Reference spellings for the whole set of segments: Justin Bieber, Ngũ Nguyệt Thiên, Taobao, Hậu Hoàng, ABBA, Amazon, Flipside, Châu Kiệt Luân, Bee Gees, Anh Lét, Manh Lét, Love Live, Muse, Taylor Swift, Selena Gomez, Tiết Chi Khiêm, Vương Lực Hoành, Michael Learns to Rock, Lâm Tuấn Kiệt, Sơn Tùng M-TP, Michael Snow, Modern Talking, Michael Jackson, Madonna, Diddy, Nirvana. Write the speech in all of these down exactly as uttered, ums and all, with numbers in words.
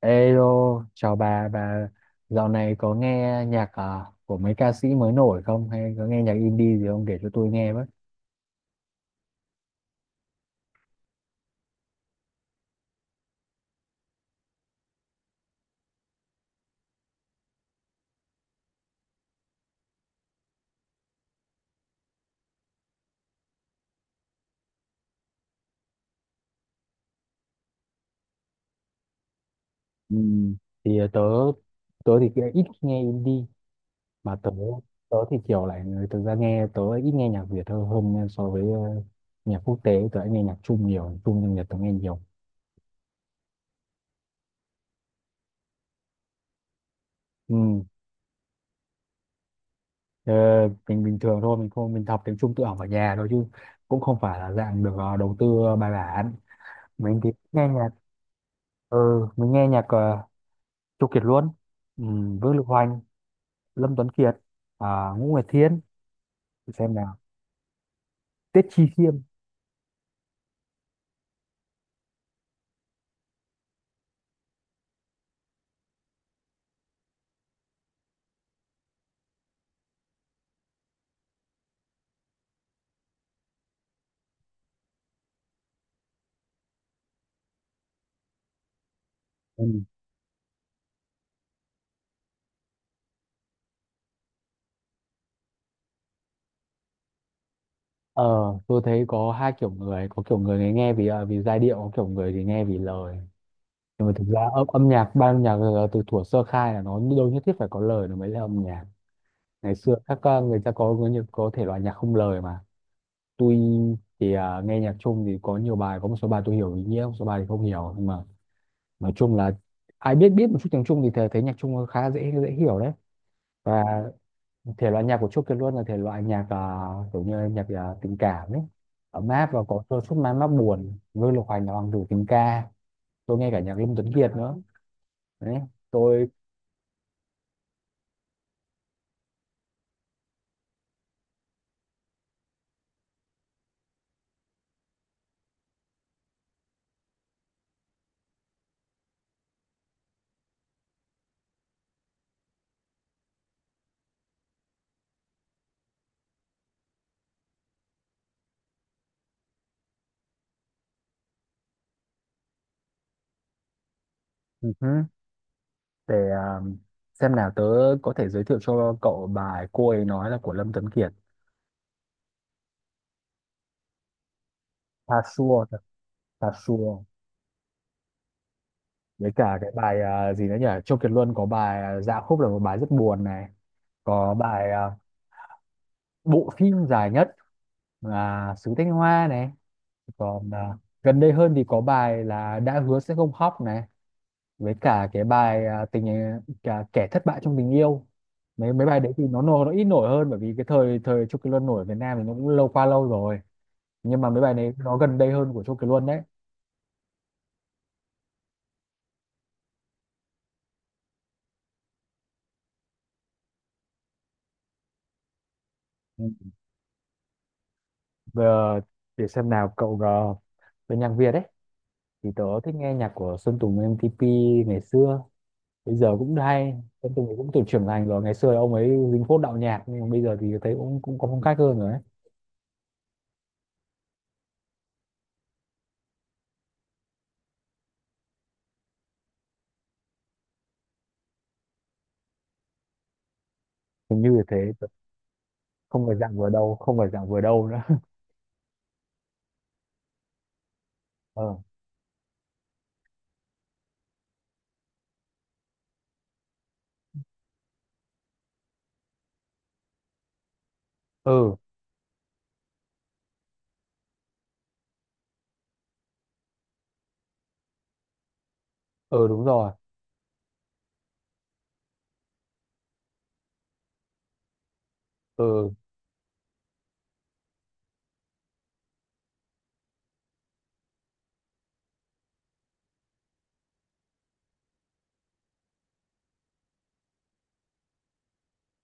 Ê, chào bà, bà dạo này có nghe nhạc à, của mấy ca sĩ mới nổi không? Hay có nghe nhạc indie gì không? Để cho tôi nghe với. Ừ, thì tớ, tớ thì kia ít khi nghe indie, mà tớ, tớ thì kiểu lại người thực ra nghe, tớ ít nghe nhạc Việt hơn, hơn nha, so với ờ, nhạc quốc tế, tớ lại nghe nhạc Trung nhiều, nhạc Trung nhưng Nhật tớ nghe nhiều. Ừ, ờ, mình bình thường thôi, mình không, mình học tiếng Trung tự học ở nhà thôi chứ cũng không phải là dạng được ờ, đầu tư ờ, bài bản. Mình thì nghe nhạc, ừ, mình nghe nhạc ờ, Châu Kiệt Luân, ừ, Vương Lực Hoành, Lâm Tuấn Kiệt, à, Ngũ Nguyệt Thiên, để xem nào, Tiết Chi Khiêm. Ừ. Ờ, tôi thấy có hai kiểu người, có kiểu người thì nghe vì ờ, vì giai điệu, có kiểu người thì nghe vì lời. Nhưng mà thực ra âm, âm nhạc, ban âm nhạc là từ thuở sơ khai là nó đâu nhất thiết phải có lời nó mới là âm nhạc. Ngày xưa các ờ, người ta có có, nhiều- có thể loại nhạc không lời mà. Tôi thì ờ, nghe nhạc chung thì có nhiều bài, có một số bài tôi hiểu ý nghĩa, một số bài thì không hiểu. Nhưng mà nói chung là ai biết biết một chút tiếng Trung thì thấy, thấy nhạc Trung khá dễ dễ hiểu đấy. Và thể loại nhạc của Chốt Kiệt Luân là thể loại nhạc ờ, kiểu như nhạc ờ, tình cảm ấy, ấm áp và có đôi chút man mác buồn. Vương Lục Hoành là hoàng tử tình ca, tôi nghe cả nhạc Lâm Tuấn Kiệt nữa đấy. Tôi ừ hứ, để ờ, xem nào, tớ có thể giới thiệu cho cậu bài cô ấy nói là của Lâm Tuấn Kiệt. Tha Sure Tha Sure Với cả cái bài ờ, gì nữa nhỉ, Châu Kiệt Luân có bài ờ, Dạ Khúc là một bài rất buồn này, có bài ờ, bộ phim dài nhất là Sứ Thanh Hoa này, còn à, gần đây hơn thì có bài là Đã Hứa Sẽ Không Khóc này, với cả cái bài à, tình à, cả Kẻ Thất Bại Trong Tình Yêu. Mấy mấy bài đấy thì nó nổi, nó ít nổi hơn bởi vì cái thời thời Chu Kỳ Luân nổi ở Việt Nam thì nó cũng lâu, qua lâu rồi, nhưng mà mấy bài này nó gần đây hơn của Chu Kỳ Luân đấy. Ừ. Vừa để xem nào cậu, uh, bên nhạc Việt đấy thì tớ thích nghe nhạc của Sơn Tùng M-tê pê ngày xưa, bây giờ cũng hay. Sơn Tùng thì cũng từ trưởng thành rồi, ngày xưa ông ấy dính phốt đạo nhạc nhưng mà bây giờ thì thấy cũng cũng có phong cách hơn rồi ấy. Hình như là thế. Không phải dạng vừa đâu, không phải dạng vừa đâu nữa. Ờ, ừ, ừ đúng rồi, ừ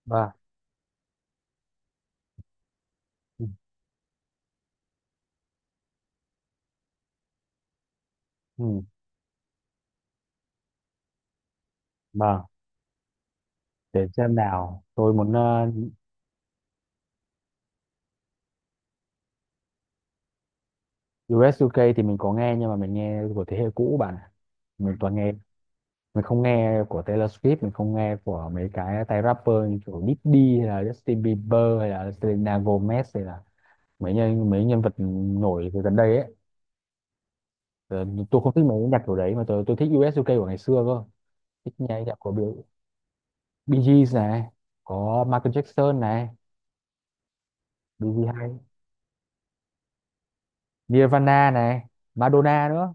và ừ, ừ, vâng. Để xem nào tôi muốn ờ, u ét u ca thì mình có nghe nhưng mà mình nghe của thế hệ cũ bạn ạ. Mình toàn nghe, mình không nghe của Taylor Swift, mình không nghe của mấy cái tay rapper như kiểu Diddy hay là Justin Bieber hay là Selena Gomez hay là mấy nhân mấy nhân vật nổi từ gần đây ấy. Ờ, tôi không thích mấy nhạc kiểu đấy mà tôi tôi thích diu ét u ca của ngày xưa cơ, thích nhạc nhạc của Bill, Bee Gees này, có Michael Jackson này, Bee Gees hay, Nirvana này, Madonna nữa.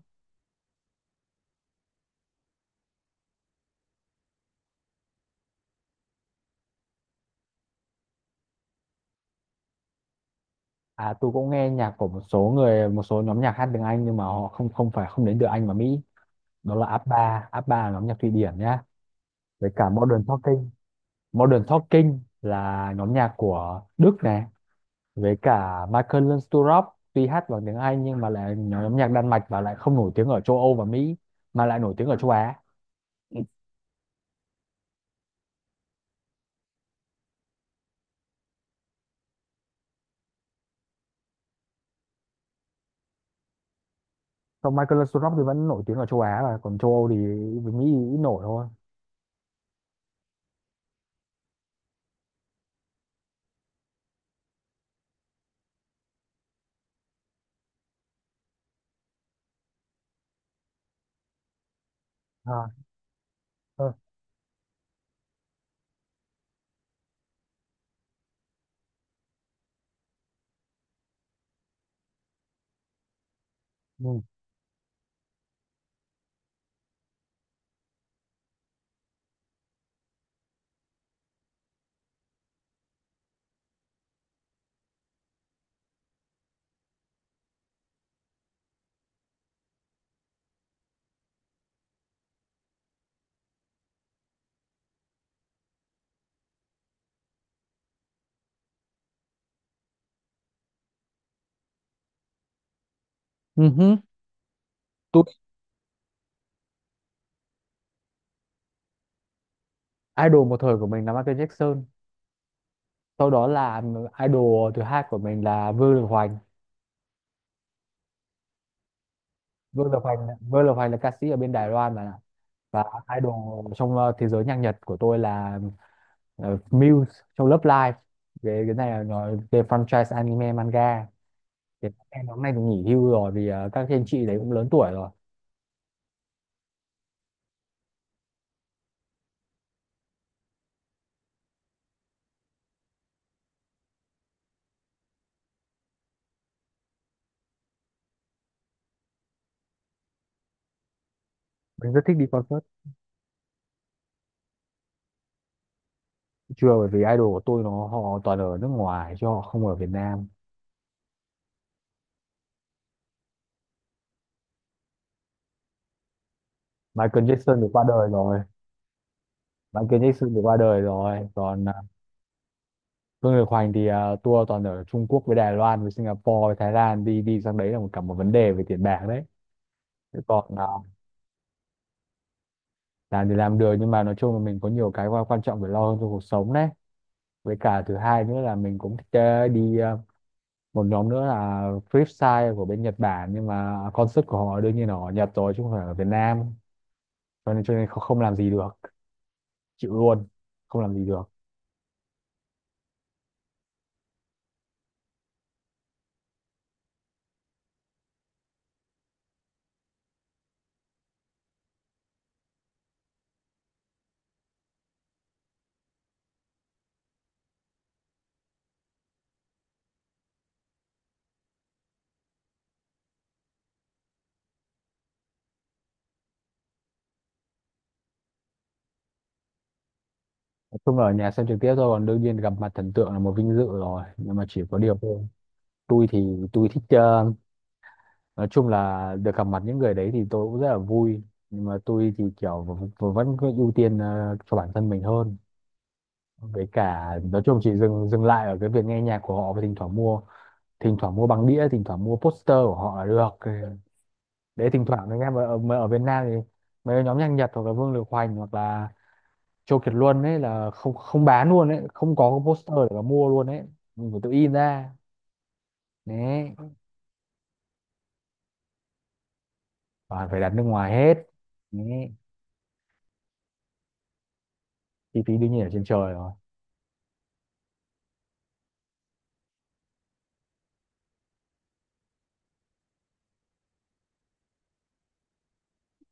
À, tôi cũng nghe nhạc của một số người, một số nhóm nhạc hát tiếng Anh nhưng mà họ không không phải không đến từ Anh và Mỹ. Đó là a ba. a ba là nhóm nhạc Thụy Điển nhá, với cả Modern Talking. Modern Talking là nhóm nhạc của Đức này, với cả Michael Learns to Rock tuy hát bằng tiếng Anh nhưng mà lại nhóm nhạc Đan Mạch và lại không nổi tiếng ở châu Âu và Mỹ mà lại nổi tiếng ở châu Á. Còn Michael Snow thì vẫn nổi tiếng ở châu Á, và còn châu Âu thì với Mỹ nghĩ ít nổi thôi. À, ờ, ừ. Ừ hứ. Tôi idol một thời của mình là Michael Jackson. Sau đó là idol thứ hai của mình là Vương Lực Hoành. Vương Lực Hoành, Vương Lực Hoành là ca sĩ ở bên Đài Loan mà, và idol trong ờ, thế giới nhạc Nhật của tôi là ờ, Muse trong Love Live. Cái, cái này là nói về franchise anime manga. Thì các em hôm nay thì nghỉ hưu rồi vì ờ, các anh chị đấy cũng lớn tuổi rồi. Mình rất thích đi concert. Chưa, bởi vì idol của tôi nó họ toàn ở nước ngoài chứ họ không ở Việt Nam. Michael Jackson thì qua đời rồi Michael Jackson thì qua đời rồi, còn à, Phương Lực Hoành thì à, tour toàn ở Trung Quốc với Đài Loan với Singapore với Thái Lan, đi đi sang đấy là một cả một vấn đề về tiền bạc đấy. Thế còn à, làm thì làm được nhưng mà nói chung là mình có nhiều cái quan quan trọng phải lo hơn trong cuộc sống đấy. Với cả thứ hai nữa là mình cũng thích ờ, đi ờ, một nhóm nữa là Flipside của bên Nhật Bản, nhưng mà concert của họ đương nhiên là ở Nhật rồi chứ không phải ở Việt Nam, cho nên cho nên không, không làm gì được. Chịu luôn, không làm gì được. Nói chung là ở nhà xem trực tiếp thôi, còn đương nhiên gặp mặt thần tượng là một vinh dự rồi nhưng mà chỉ có điều thôi. Tôi thì tôi thích ờ, nói chung là được gặp mặt những người đấy thì tôi cũng rất là vui, nhưng mà tôi thì kiểu v- v- vẫn cứ ưu tiên ờ, cho bản thân mình hơn. Với cả nói chung chỉ dừng dừng lại ở cái việc nghe nhạc của họ và thỉnh thoảng mua, thỉnh thoảng mua băng đĩa, thỉnh thoảng mua poster của họ là được. Ừ. Đấy, thỉnh thoảng anh em ở, ở, ở Việt Nam thì mấy cái nhóm nhạc Nhật hoặc là Vương Lực Hoành hoặc là Châu Kiệt Luân ấy là không không bán luôn ấy, không có cái poster để mà mua luôn ấy, mình phải tự in ra đấy, toàn phải đặt nước ngoài hết đấy. Chi phí đương nhiên ở trên trời rồi,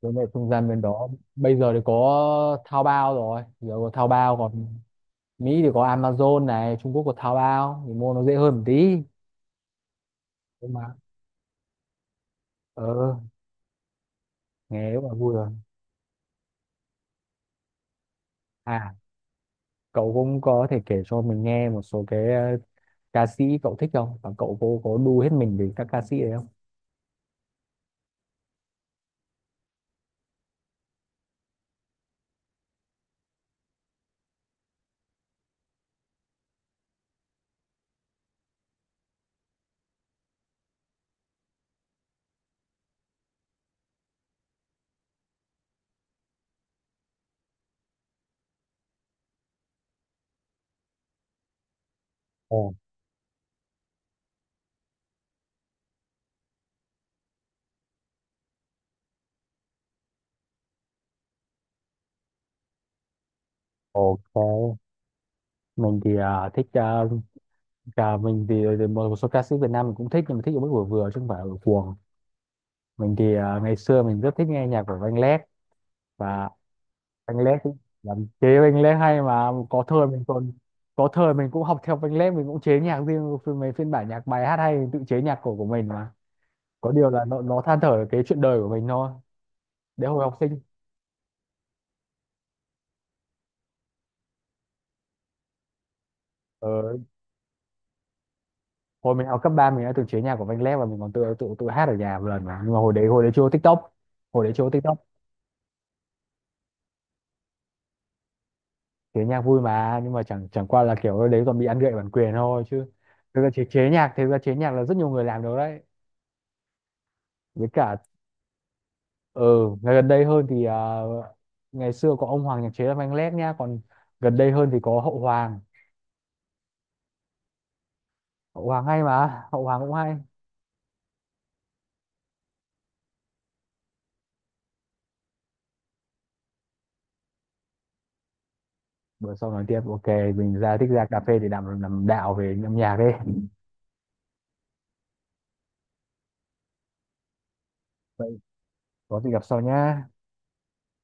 với lại không gian bên đó bây giờ thì có Taobao rồi, giờ có Taobao, còn Mỹ thì có Amazon này, Trung Quốc có Taobao thì mua nó dễ hơn một tí. Nhưng mà ờ nghe rất là vui rồi. À cậu cũng có thể kể cho mình nghe một số cái ờ, ca sĩ cậu thích không, và cậu có có đu hết mình về các ca sĩ đấy không? Ồ, ok, mình thì à, thích à, cả mình thì, ờ, thì một số ca sĩ Việt Nam mình cũng thích nhưng mà thích ở mức vừa vừa chứ không phải ở cuồng. Mình thì à, ngày xưa mình rất thích nghe nhạc của Anh Lét, và Anh Lét cũng làm chế. Anh Lét hay mà, có thời mình còn, có thời mình cũng học theo Anh Lét, mình cũng chế nhạc riêng phiên- mấy phiên bản nhạc bài hát hay mình tự chế nhạc cổ của mình mà, có điều là nó nó than thở cái chuyện đời của mình thôi. Đấy hồi học sinh, ờ, hồi mình học cấp ba mình đã từng chế nhạc của Anh Lét và mình còn tự tự tự hát ở nhà một lần mà, nhưng mà hồi đấy hồi đấy chưa có TikTok, hồi đấy chưa có TikTok. Chế nhạc vui mà, nhưng mà chẳng chẳng qua là kiểu đấy còn bị ăn gậy bản quyền thôi chứ. Thực ra chế, chế nhạc, thực ra chế nhạc là rất nhiều người làm được đấy. Với cả ờ ngày gần đây hơn thì à, ngày xưa có ông Hoàng nhạc chế là Manh Lét nhá, còn gần đây hơn thì có Hậu Hoàng. Hậu Hoàng hay mà Hậu Hoàng cũng hay. Bữa sau nói tiếp, ok. Mình ra thích ra cà phê để làm làm đạo về âm nhạc đi. Vậy có gì gặp sau nhá.